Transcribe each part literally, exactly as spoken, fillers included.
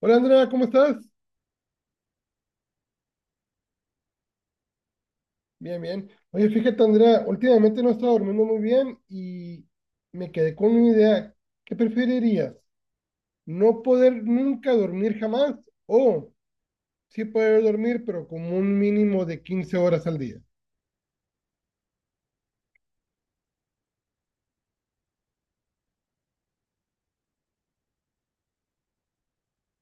Hola Andrea, ¿cómo estás? Bien, bien. Oye, fíjate Andrea, últimamente no he estado durmiendo muy bien y me quedé con una idea. ¿Qué preferirías? ¿No poder nunca dormir jamás o sí poder dormir pero como un mínimo de quince horas al día?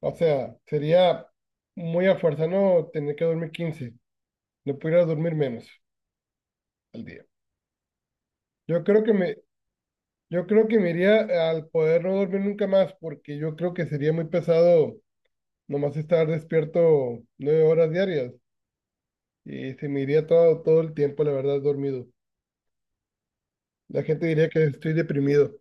O sea, sería muy a fuerza no tener que dormir quince, no pudiera dormir menos al día. Yo creo que me, yo creo que me iría al poder no dormir nunca más porque yo creo que sería muy pesado. Nomás estar despierto nueve horas diarias y se me iría todo, todo el tiempo, la verdad, dormido. La gente diría que estoy deprimido.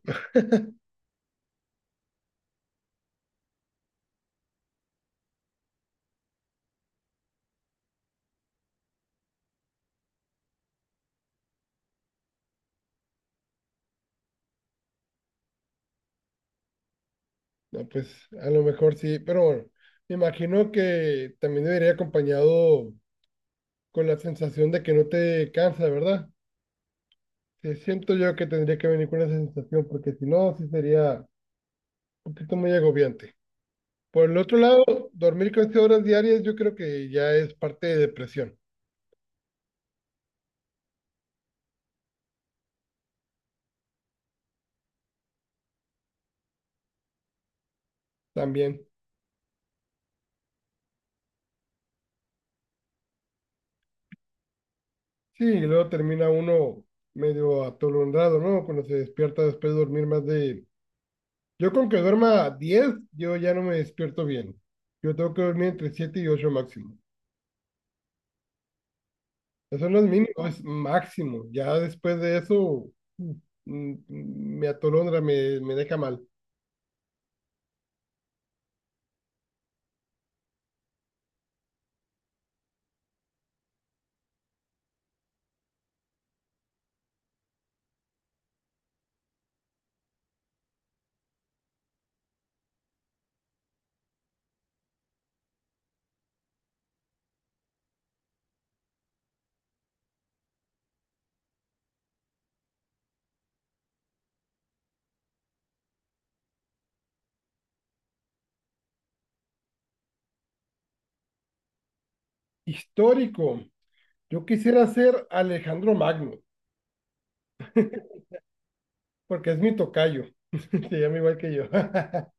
No, pues a lo mejor sí, pero bueno, me imagino que también debería acompañado con la sensación de que no te cansa, ¿verdad? Sí, siento yo que tendría que venir con esa sensación porque si no, sí sería un poquito muy agobiante. Por el otro lado, dormir quince horas diarias yo creo que ya es parte de depresión también. Sí, y luego termina uno medio atolondrado, ¿no? Cuando se despierta después de dormir más de... Yo con que duerma diez, yo ya no me despierto bien. Yo tengo que dormir entre siete y ocho máximo. Eso no es mínimo, es máximo. Ya después de eso, mm, mm, me atolondra, me, me deja mal. Histórico. Yo quisiera ser Alejandro Magno, porque es mi tocayo. Se llama igual que yo. Nada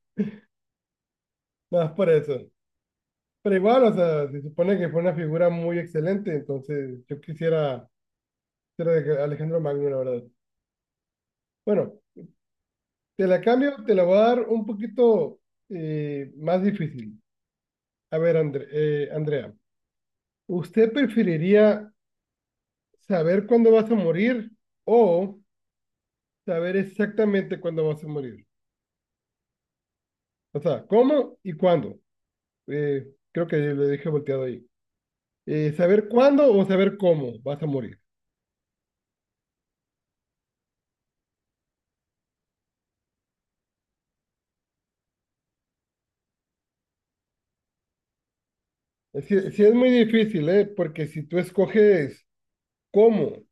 más por eso. Pero igual, o sea, se supone que fue una figura muy excelente, entonces yo quisiera ser de que- Alejandro Magno, la verdad. Bueno, te la cambio, te la voy a dar un poquito eh, más difícil. A ver, Andre- eh, Andrea, ¿usted preferiría saber cuándo vas a morir o saber exactamente cuándo vas a morir? O sea, ¿cómo y cuándo? Eh, creo que le dije volteado ahí. Eh, ¿saber cuándo o saber cómo vas a morir? Sí, sí es muy difícil, ¿eh? Porque si tú escoges cómo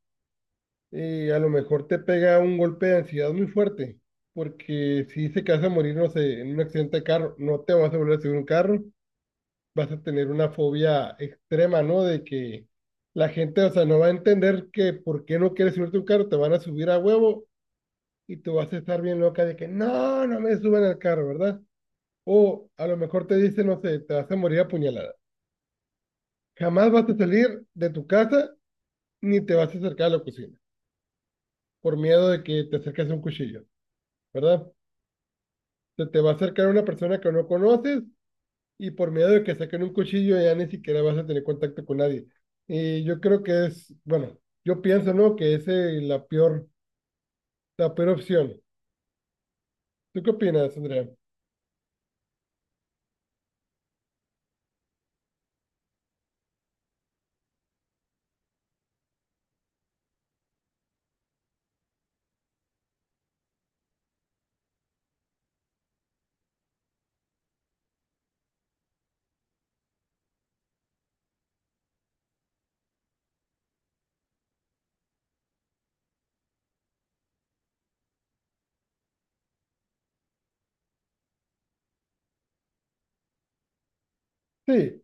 eh, a lo mejor te pega un golpe de ansiedad muy fuerte, porque si se que vas a morir, no sé, en un accidente de carro, no te vas a volver a subir un carro, vas a tener una fobia extrema, ¿no? De que la gente, o sea, no va a entender que por qué no quieres subirte un carro, te van a subir a huevo y tú vas a estar bien loca de que no, no me suban al carro, ¿verdad? O a lo mejor te dicen, no sé, te vas a morir apuñalada. Jamás vas a salir de tu casa ni te vas a acercar a la cocina, por miedo de que te acerques a un cuchillo. ¿Verdad? Se te va a acercar una persona que no conoces y por miedo de que saquen un cuchillo ya ni siquiera vas a tener contacto con nadie. Y yo creo que es, bueno, yo pienso, ¿no? Que esa es eh, la peor, la peor opción. ¿Tú qué opinas, Andrea? Sí,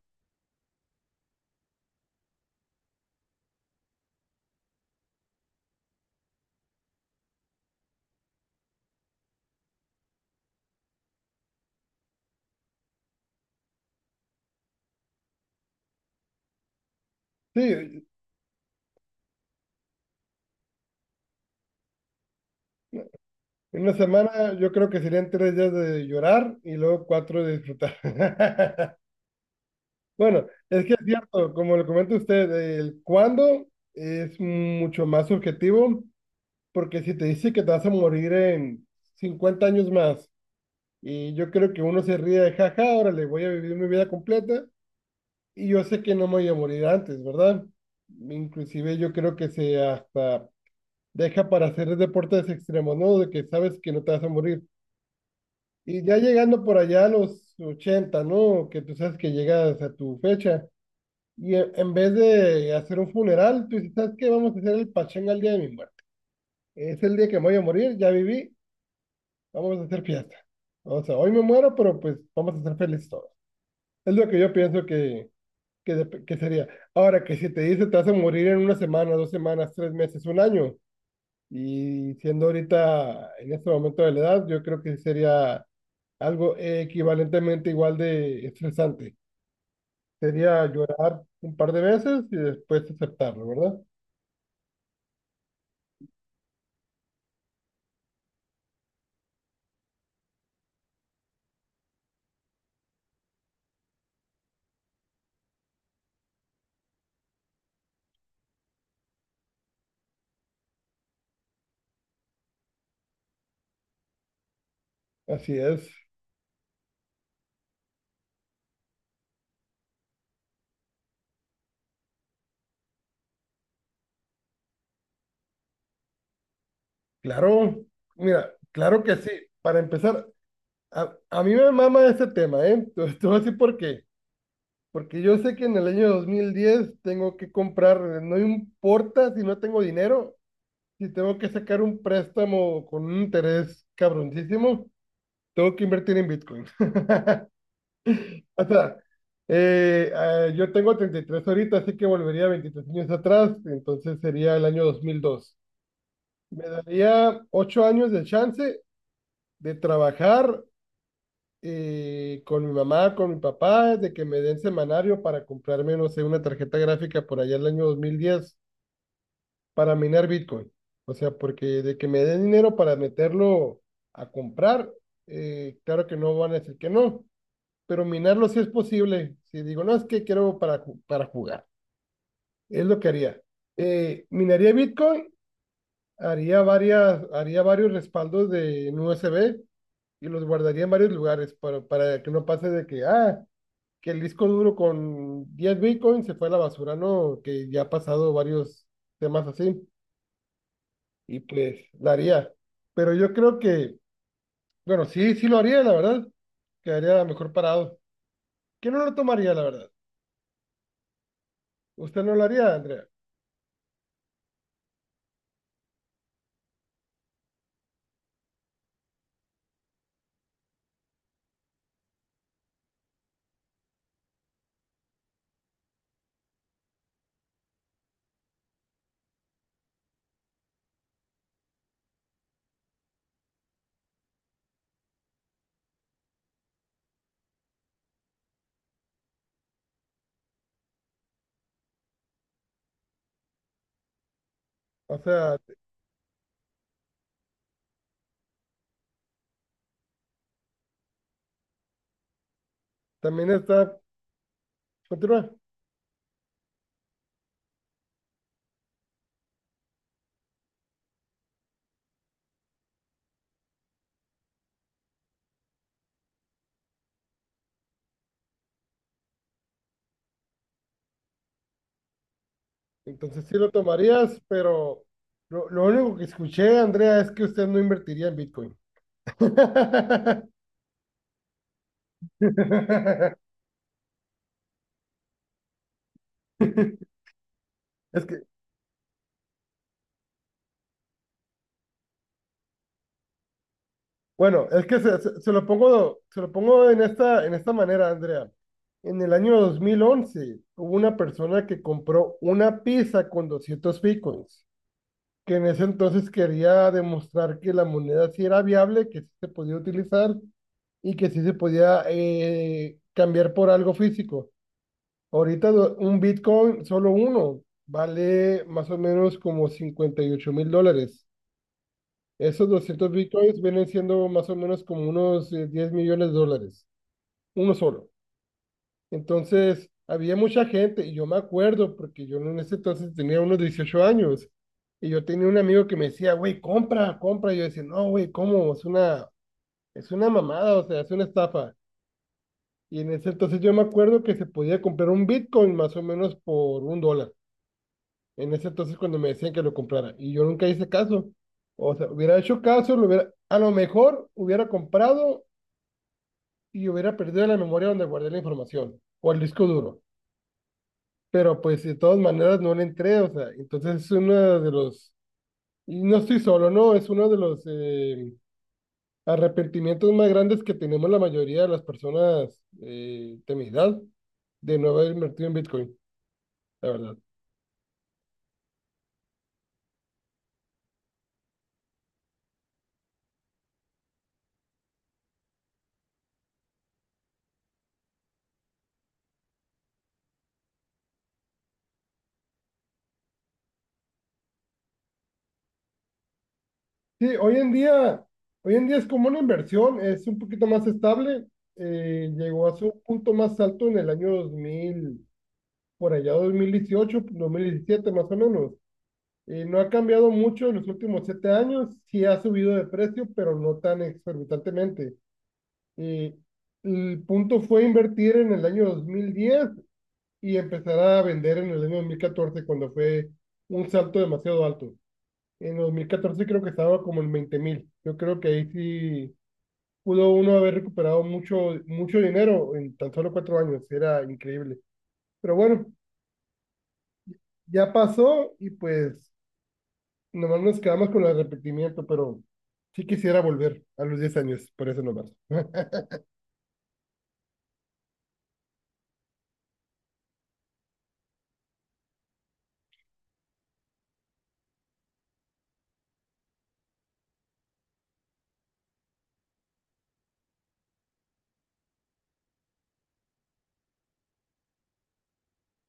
sí. En una semana yo creo que serían tres días de llorar y luego cuatro de disfrutar. Bueno, es que es cierto, como lo comenta usted, el cuándo es mucho más subjetivo. Porque si te dice que te vas a morir en cincuenta años más, y yo creo que uno se ríe de jaja, órale, voy a vivir mi vida completa, y yo sé que no me voy a morir antes, ¿verdad? Inclusive yo creo que se hasta deja para hacer deportes extremos, ¿no? De que sabes que no te vas a morir. Y ya llegando por allá a los ochenta, ¿no? Que tú sabes que llegas a tu fecha, y e- en vez de hacer un funeral, tú dices, ¿sabes qué? Vamos a hacer el pachanga el día de mi muerte. Es el día que me voy a morir, ya viví, vamos a hacer fiesta. O sea, hoy me muero, pero pues vamos a ser felices todos. Es lo que yo pienso que, que, dep- que sería. Ahora, que si te dice te vas a morir en una semana, dos semanas, tres meses, un año, y siendo ahorita en este momento de la edad, yo creo que sería algo equivalentemente igual de estresante. Sería llorar un par de veces y después aceptarlo, ¿verdad? Así es. Claro, mira, claro que sí. Para empezar, a, a mí me mama este tema, ¿eh? Te te voy a decir por qué. Porque yo sé que en el año dos mil diez tengo que comprar, no importa si no tengo dinero, si tengo que sacar un préstamo con un interés cabroncísimo, tengo que invertir en Bitcoin. O sea, eh, eh, yo tengo treinta y tres ahorita, así que volvería veintitrés años atrás, entonces sería el año dos mil dos. Me daría ocho años de chance de trabajar eh, con mi mamá, con mi papá, de que me den semanario para comprarme, no sé, una tarjeta gráfica por allá el año dos mil diez para minar Bitcoin. O sea, porque de que me den dinero para meterlo a comprar, eh, claro que no van a decir que no, pero minarlo sí es posible. Si digo, no, es que quiero para, ju- para jugar, es lo que haría. Eh, minaría Bitcoin, haría varias, haría varios respaldos de en U S B y los guardaría en varios lugares para, para que no pase de que, ah, que el disco duro con diez Bitcoin se fue a la basura, ¿no? Que ya ha pasado varios temas así. Y pues la haría. Pero yo creo que, bueno, sí, sí lo haría, la verdad. Quedaría mejor parado. ¿Quién no lo tomaría, la verdad? Usted no lo haría, Andrea. O sea, también está, continúa. Entonces sí lo tomarías, pero lo, lo único que escuché, Andrea, es que usted no invertiría en Bitcoin. Es que, bueno, es que se, se- se lo pongo, se lo pongo en esta, en esta manera, Andrea. En el año dos mil once hubo una persona que compró una pizza con doscientos bitcoins, que en ese entonces quería demostrar que la moneda sí era viable, que sí se podía utilizar y que sí se podía eh, cambiar por algo físico. Ahorita do- un bitcoin, solo uno, vale más o menos como cincuenta y ocho mil dólares. Esos doscientos bitcoins vienen siendo más o menos como unos eh, diez millones de dólares, uno solo. Entonces, había mucha gente, y yo me acuerdo, porque yo en ese entonces tenía unos dieciocho años, y yo tenía un amigo que me decía, güey, compra, compra. Y yo decía, no, güey, ¿cómo? Es una, es una mamada, o sea, es una estafa. Y en ese entonces yo me acuerdo que se podía comprar un bitcoin más o menos por un dólar. En ese entonces cuando me decían que lo comprara, y yo nunca hice caso. O sea, hubiera hecho caso, lo hubiera, a lo mejor hubiera comprado y hubiera perdido la memoria donde guardé la información o el disco duro. Pero pues de todas maneras no le entré, o sea, entonces es uno de los, y no estoy solo, no, es uno de los eh, arrepentimientos más grandes que tenemos la mayoría de las personas eh, de mi edad de no haber invertido en Bitcoin, la verdad. Sí, hoy en día, hoy en día es como una inversión, es un poquito más estable, eh, llegó a su punto más alto en el año dos mil por allá dos dos mil dieciocho, dos mil diecisiete más o menos. Eh, no ha cambiado mucho en los últimos siete años, sí ha subido de precio, pero no tan exorbitantemente. Eh, el punto fue invertir en el año dos mil diez y empezar a vender en el año dos mil catorce cuando fue un salto demasiado alto. En dos mil catorce creo que estaba como en veinte mil. Yo creo que ahí sí pudo uno haber recuperado mucho, mucho dinero en tan solo cuatro años. Era increíble. Pero bueno, ya pasó y pues nomás nos quedamos con el arrepentimiento, pero sí quisiera volver a los diez años, por eso nomás.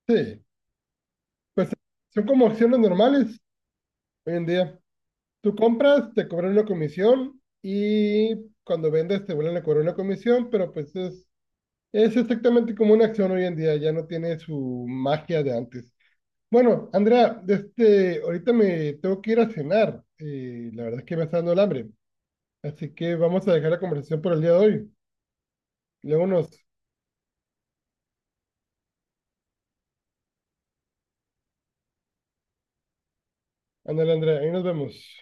Sí, pues son como acciones normales hoy en día. Tú compras, te cobran una comisión y cuando vendes te vuelven a cobrar una comisión, pero pues es, es exactamente como una acción hoy en día, ya no tiene su magia de antes. Bueno, Andrea, este, ahorita me tengo que ir a cenar y la verdad es que me está dando el hambre, así que vamos a dejar la conversación por el día de hoy. Luego nos. Ándale, Andrea, ahí nos vemos.